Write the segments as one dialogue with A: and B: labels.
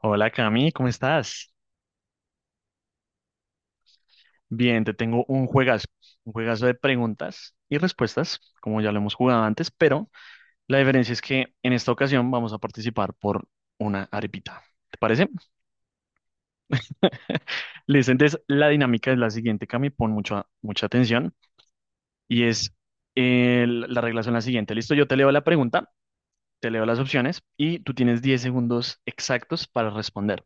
A: Hola Cami, ¿cómo estás? Bien, te tengo un juegazo de preguntas y respuestas, como ya lo hemos jugado antes, pero la diferencia es que en esta ocasión vamos a participar por una arepita. ¿Te parece? Listo, entonces la dinámica es la siguiente, Cami, pon mucha, mucha atención y es la regla son la siguiente. Listo, yo te leo la pregunta, te leo las opciones y tú tienes 10 segundos exactos para responder.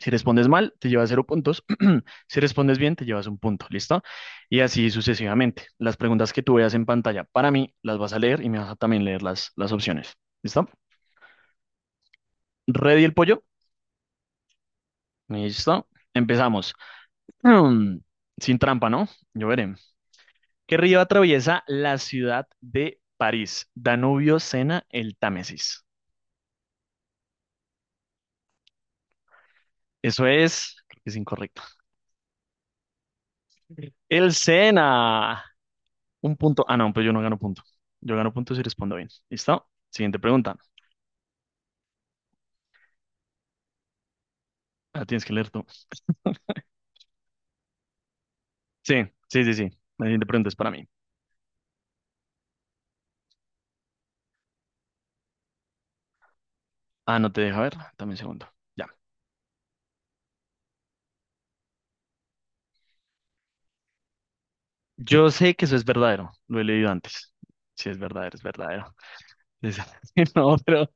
A: Si respondes mal, te llevas cero puntos. Si respondes bien, te llevas un punto. ¿Listo? Y así sucesivamente. Las preguntas que tú veas en pantalla para mí las vas a leer y me vas a también leer las opciones. ¿Listo? ¿Ready el pollo? Listo. Empezamos. Mm, sin trampa, ¿no? Yo veré. ¿Qué río atraviesa la ciudad de París? Danubio, Sena, el Támesis. Eso es, creo que es incorrecto. El Sena. Un punto. Ah, no, pues yo no gano punto. Yo gano punto si respondo bien. ¿Listo? Siguiente pregunta. Ah, tienes que leer tú. Sí, sí, sí, sí. La siguiente pregunta es para mí. Ah, no te deja ver. Dame un segundo. Ya. Yo sé que eso es verdadero. Lo he leído antes. Sí, es verdadero, es verdadero. Es- No, pero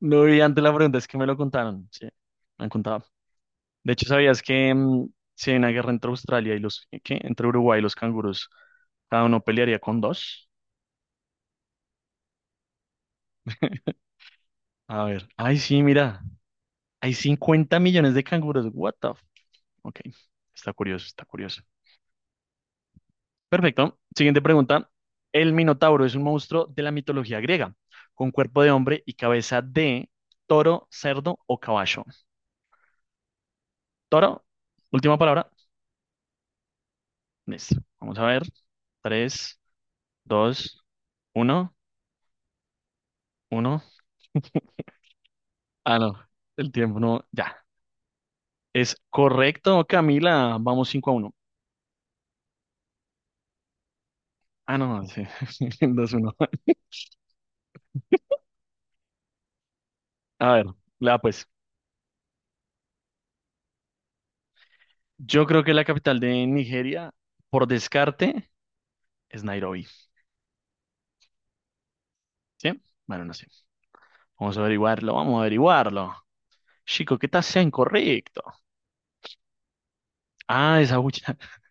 A: no vi antes la pregunta. Es que me lo contaron. Sí, me han contado. De hecho, ¿sabías que si hay una guerra entre Australia y los... ¿Qué? Entre Uruguay y los canguros, cada uno pelearía con dos? A ver. Ay, sí, mira. Hay 50 millones de canguros. What the... Ok. Está curioso, está curioso. Perfecto. Siguiente pregunta. El Minotauro es un monstruo de la mitología griega, con cuerpo de hombre y cabeza de toro, cerdo o caballo. Toro, última palabra. Listo. Vamos a ver. Tres, dos, uno, uno. Ah, no. El tiempo no. Ya. Es correcto, Camila. Vamos 5-1. Ah, no, sí. 2-1. A ver, la pues. Yo creo que la capital de Nigeria, por descarte, es Nairobi. ¿Sí? Bueno, no sé. Vamos a averiguarlo, vamos a averiguarlo. Chico, ¿qué tal sea incorrecto? Ah, esa bucha.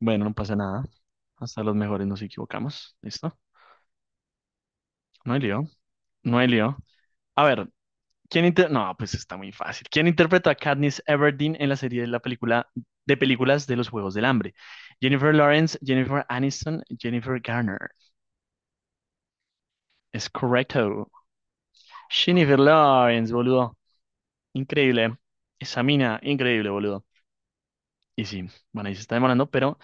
A: Bueno, no pasa nada. Hasta los mejores nos equivocamos. ¿Listo? No hay lío. No hay lío. A ver, No, pues está muy fácil. ¿Quién interpreta a Katniss Everdeen en la serie de la película de películas de los Juegos del Hambre? Jennifer Lawrence, Jennifer Aniston, Jennifer Garner. Es correcto. Jennifer Lawrence, boludo. Increíble. Esa mina, increíble, boludo. Y sí, bueno, ahí se está demorando, pero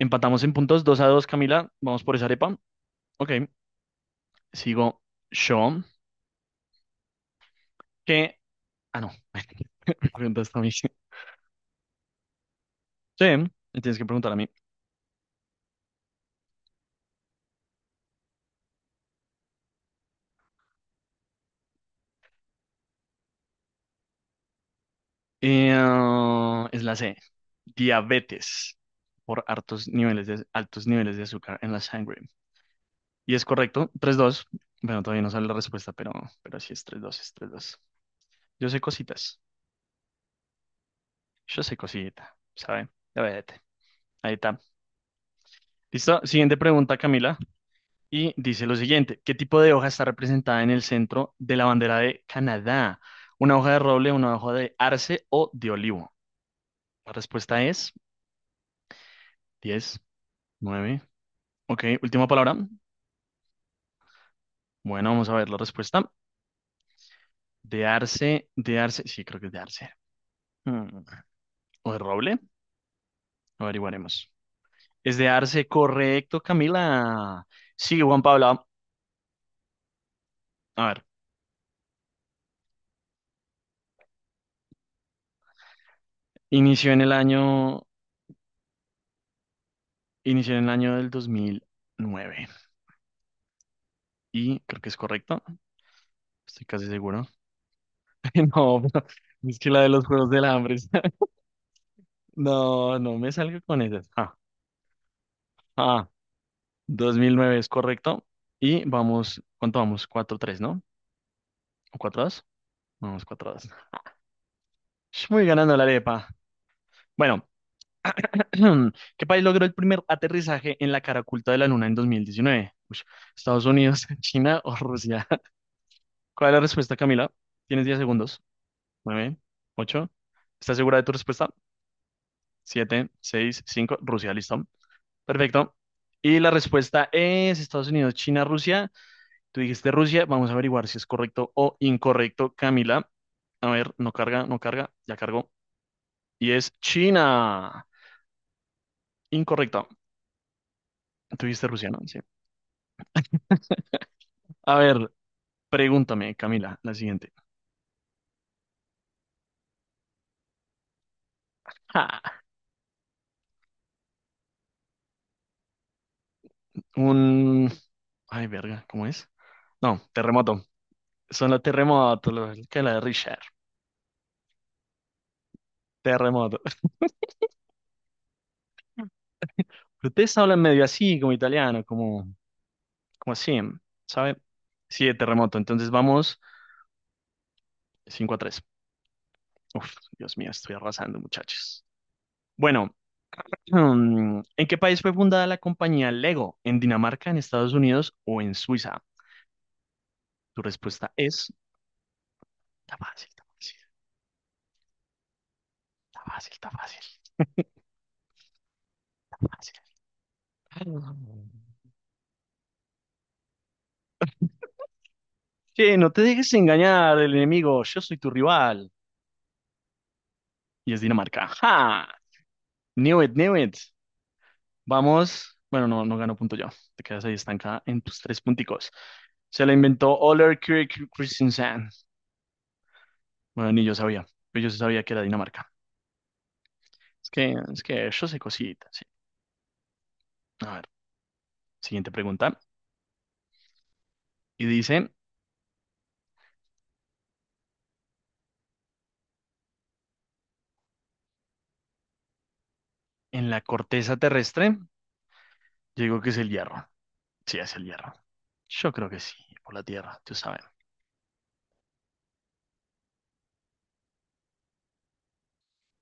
A: empatamos en puntos 2-2, Camila. Vamos por esa arepa. Ok, sigo yo. Que. Ah, no. Me preguntaste a mí. Sí, me tienes que preguntar a mí. Es la C. Diabetes por altos niveles de azúcar en la sangre. Y es correcto, 3-2. Bueno, todavía no sale la respuesta, pero sí es tres dos, es tres dos. Yo sé cositas. Yo sé cosita, ¿sabe? Diabetes. Ahí está. ¿Listo? Siguiente pregunta, Camila. Y dice lo siguiente, ¿qué tipo de hoja está representada en el centro de la bandera de Canadá? ¿Una hoja de roble, una hoja de arce o de olivo? La respuesta es diez, 9. Ok, última palabra. Bueno, vamos a ver la respuesta. De arce, sí, creo que es de arce. Mm, ¿o de roble? Averiguaremos. Es de arce, correcto, Camila. Sí, Juan Pablo. A ver, inició en el año, inició en el año del 2009 y creo que es correcto, estoy casi seguro. No, pero es que la de los Juegos del Hambre. No, no me salga con esas. Ah, 2009 es correcto. Y vamos, ¿cuánto vamos? Cuatro tres, ¿no? O cuatro dos. Vamos, cuatro dos. Voy ganando la arepa. Bueno, ¿qué país logró el primer aterrizaje en la cara oculta de la Luna en 2019? Ush, ¿Estados Unidos, China o Rusia? ¿Cuál es la respuesta, Camila? Tienes 10 segundos. 9, 8. ¿Estás segura de tu respuesta? 7, 6, 5. Rusia, listo. Perfecto. Y la respuesta es Estados Unidos, China, Rusia. Tú dijiste Rusia. Vamos a averiguar si es correcto o incorrecto, Camila. A ver, no carga, no carga. Ya cargó. Y es China. Incorrecto. Tú dijiste Rusia, ¿no? Sí. A ver, pregúntame, Camila, la siguiente. Ja. Un... Ay, verga, ¿cómo es? No, terremoto. Son los terremotos, los- que la de Richard. Terremoto. Ustedes hablan medio así, como italiano, como, como así, ¿sabe? Sí, de terremoto. Entonces vamos. 5 a tres. Uf, Dios mío, estoy arrasando, muchachos. Bueno, ¿en qué país fue fundada la compañía Lego? ¿En Dinamarca, en Estados Unidos o en Suiza? Tu respuesta es... Está fácil, está fácil, está fácil, está fácil, está fácil. Che, no te dejes engañar, el enemigo. Yo soy tu rival. Y es Dinamarca. ¡Ja! Knew it, knew it. Vamos. Bueno, no, no gano punto yo. Te quedas ahí estancada en tus tres punticos. Se la inventó Oler Kirk Christensen. Bueno, ni yo sabía, pero yo sí sabía que era Dinamarca. Es que yo sé cositas, sí. A ver, siguiente pregunta. Y dice, en la corteza terrestre, yo digo que es el hierro. Sí, es el hierro. Yo creo que sí, por la tierra, tú sabes.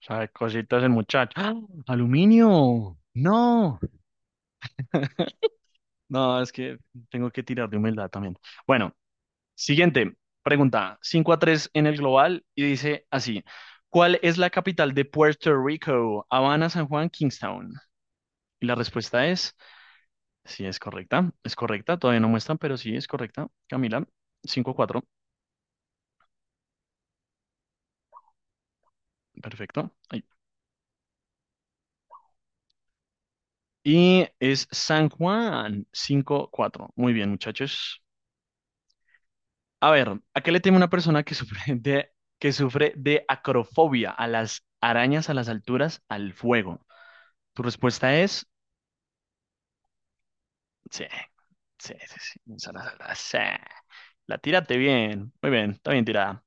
A: Sabe cositas el muchacho. ¡Ah! ¡Aluminio! ¡No! No, es que tengo que tirar de humildad también. Bueno, siguiente pregunta. 5-3 en el global y dice así. ¿Cuál es la capital de Puerto Rico? Habana, San Juan, Kingstown. Y la respuesta es, sí, es correcta, todavía no muestran, pero sí, es correcta. Camila, 5-4, perfecto. Ahí. Y es San Juan, 5-4. Muy bien, muchachos. A ver, ¿a qué le teme una persona que sufre de acrofobia? A las arañas, a las alturas, al fuego. Tu respuesta es, sí, sí, sí, sí, sí, sí. La tírate bien, muy bien, está bien tirada.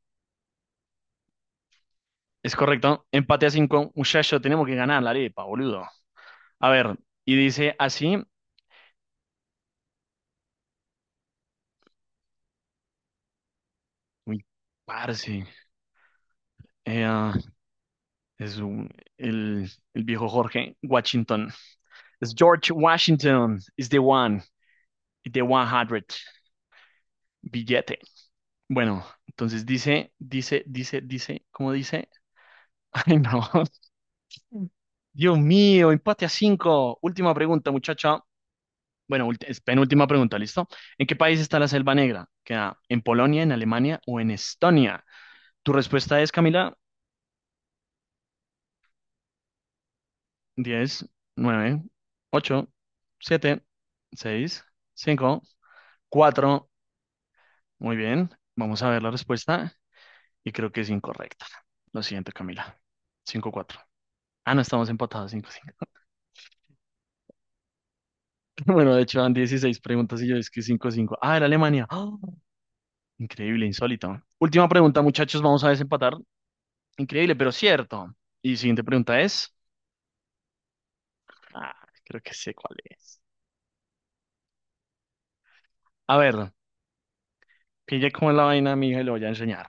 A: Es correcto, empate a cinco, muchacho, tenemos que ganar la arepa, boludo. A ver, y dice así, uy, parce, eh, ah, es un- el viejo Jorge Washington. Es George Washington, is the one hundred billete. Bueno, entonces dice, dice, dice, dice, ¿cómo dice? Ay, no, Dios mío, empate a cinco. Última pregunta, muchacho. Bueno, es penúltima pregunta, ¿listo? ¿En qué país está la Selva Negra? ¿Queda en Polonia, en Alemania o en Estonia? Tu respuesta es, Camila. Diez, nueve, ocho, siete, seis, cinco, cuatro. Muy bien, vamos a ver la respuesta y creo que es incorrecta. Lo siento, Camila. 5-4. Ah, no, estamos empatados 5-5. Bueno, de hecho, van 16 preguntas y yo es que 5 5. Ah, era Alemania. ¡Ah! Increíble, insólito. Última pregunta, muchachos, vamos a desempatar. Increíble, pero cierto. Y siguiente pregunta es... Ah, creo que sé cuál es. A ver, pille cómo es la vaina, mija, y lo voy a enseñar.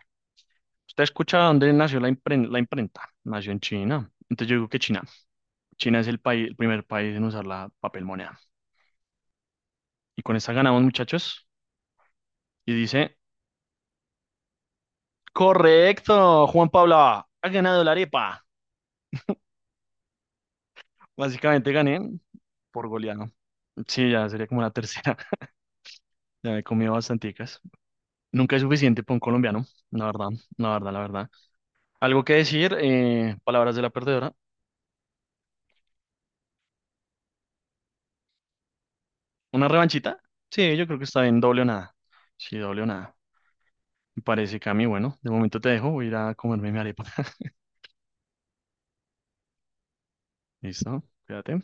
A: Usted escucha dónde nació la la imprenta. Nació en China. Entonces yo digo que China. China es el país, el primer país en usar la papel moneda. Y con esta ganamos, muchachos. Y dice, correcto, Juan Pablo, ha ganado la arepa. Básicamente gané por goleado. Sí, ya sería como la tercera. Ya me he comido bastanticas. Nunca es suficiente para un colombiano, la verdad, la verdad, la verdad. Algo que decir, palabras de la perdedora. ¿Una revanchita? Sí, yo creo que está bien, doble o nada. Sí, doble o nada. Me parece, Cami, bueno, de momento te dejo, voy a ir a comerme mi arepa. ¿Listo? Cuídate.